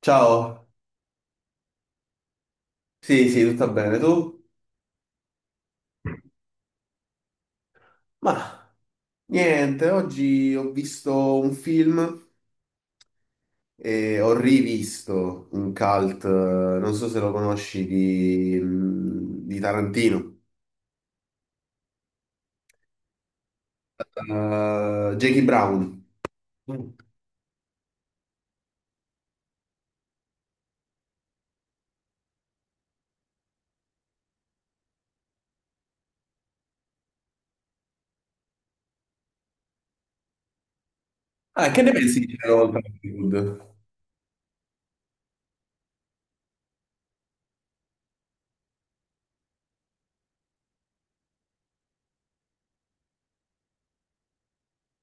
Ciao, sì, sì, tutto bene, tu? Ma Niente, oggi ho visto un film e ho rivisto un cult, non so se lo conosci, di Tarantino. Jackie Brown. Mm. Ah, che ne pensi? Sì, c'era Volta Hollywood.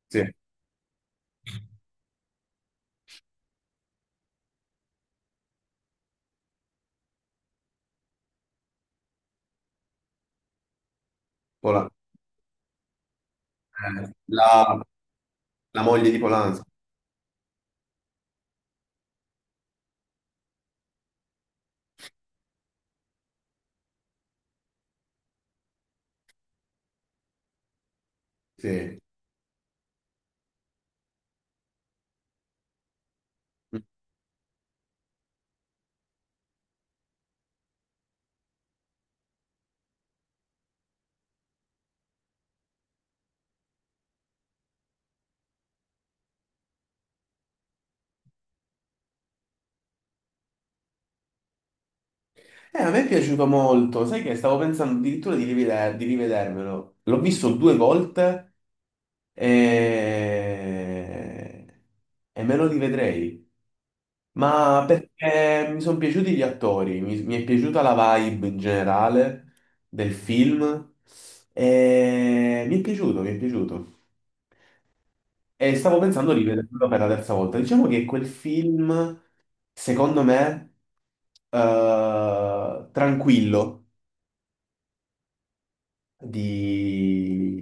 Sì. Pola- eh, la, la moglie di Polanski, sì. A me è piaciuto molto, sai che stavo pensando addirittura di rivedermelo. L'ho visto due volte e... e me lo rivedrei. Ma perché mi sono piaciuti gli attori, mi è piaciuta la vibe in generale del film e mi è piaciuto. E stavo pensando di rivederlo per la terza volta. Diciamo che quel film, secondo me, tranquillo. di,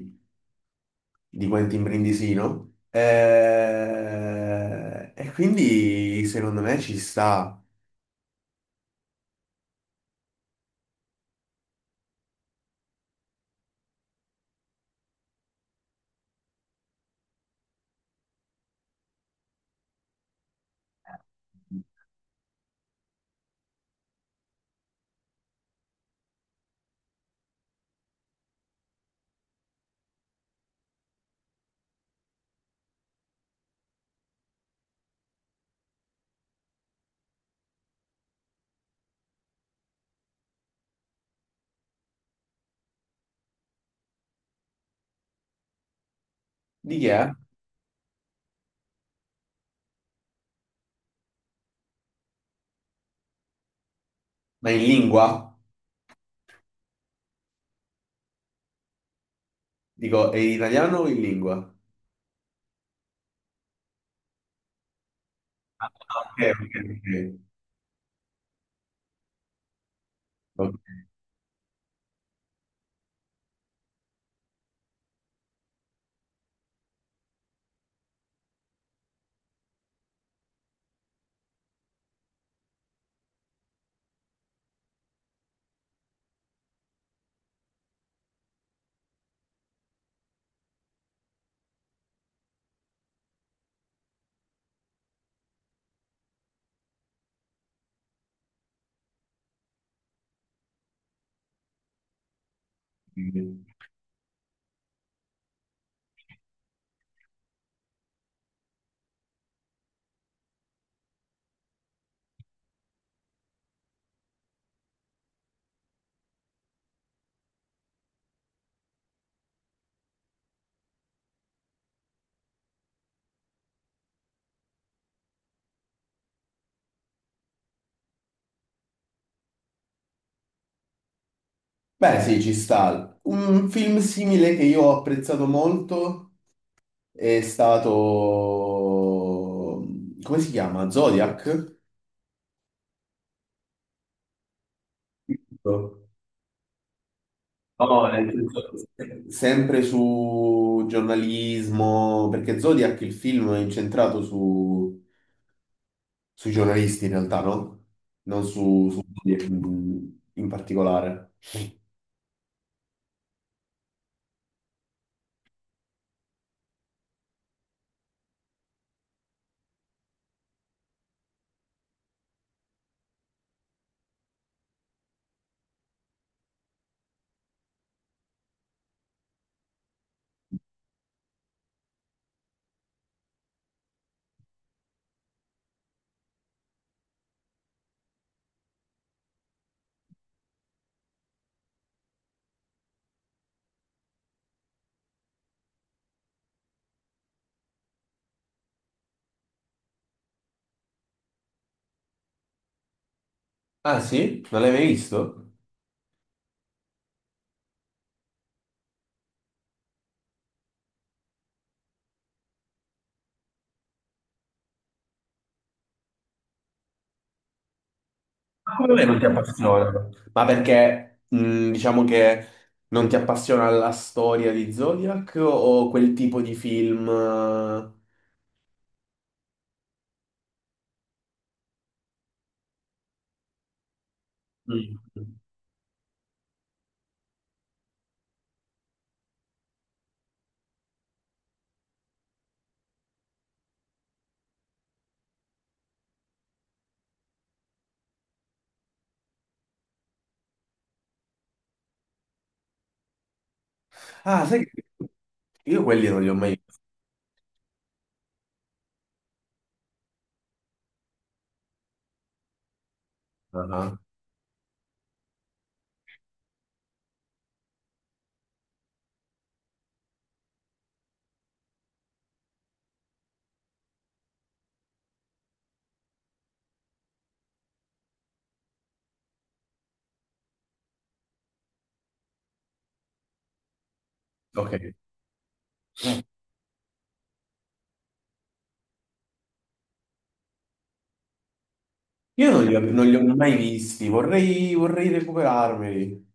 di Quentin Brindisino. E quindi secondo me ci sta. Di chi è? Ma in lingua? Dico, è in italiano o in lingua? Ok, ok, ok, ok. Beh, sì, ci sta. Un film simile che io ho apprezzato molto è stato... Come si chiama? Zodiac? No, no, nel senso, sempre su giornalismo, perché Zodiac il film è incentrato sui giornalisti in realtà, no? Non su, Su Zodiac in particolare. Ah sì? Non l'hai mai visto? Ma come mai non ti appassiona? Ma perché diciamo che non ti appassiona la storia di Zodiac o quel tipo di film, eh? Mm. Ah, sai che io quelli non li ho mai visti. Ah, ok. Io non li ho mai visti, vorrei recuperarmeli.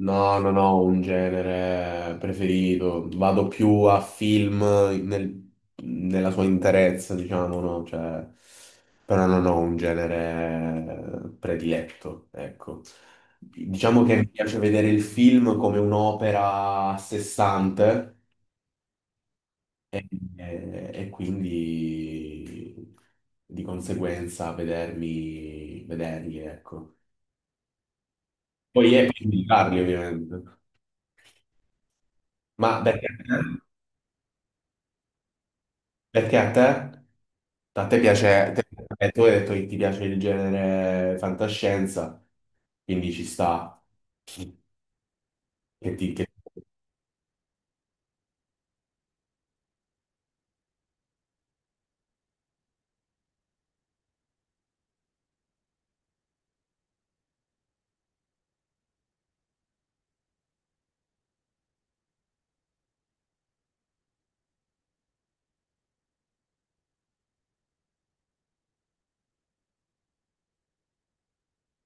No, non ho un genere preferito, vado più a nella sua interezza, diciamo, no? Cioè, però non ho un genere prediletto, ecco. Diciamo che mi, mm, piace vedere il film come un'opera a sé stante e, e quindi di conseguenza vederli, ecco. Poi è per indicarli, ovviamente. Ma perché, a te? Perché a te? A te piace, te- tu hai detto che ti piace il genere fantascienza, quindi ci sta. Che ti, che-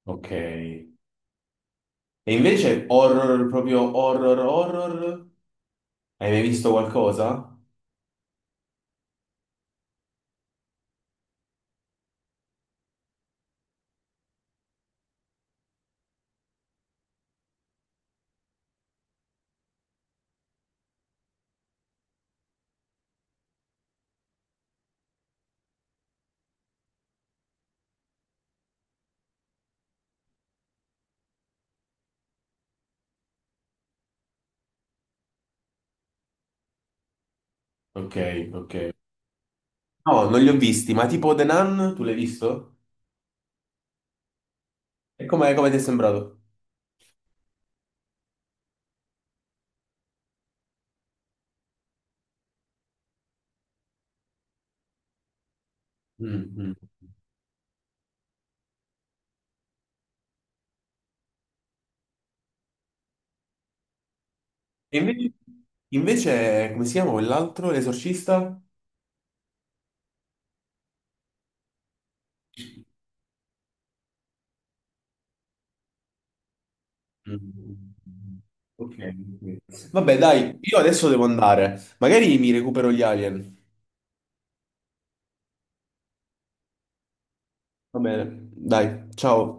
Ok. E invece horror, proprio horror, horror? Hai mai visto qualcosa? Ok, ok. No, non li ho visti, ma tipo The Nun, tu l'hai visto? E com'è, come ti è sembrato? Mm, mm. E invece, invece, come si chiama quell'altro? L'esorcista? Mm. Ok, ok. Vabbè, dai, io adesso devo andare. Magari mi recupero gli alien. Va bene, dai, ciao.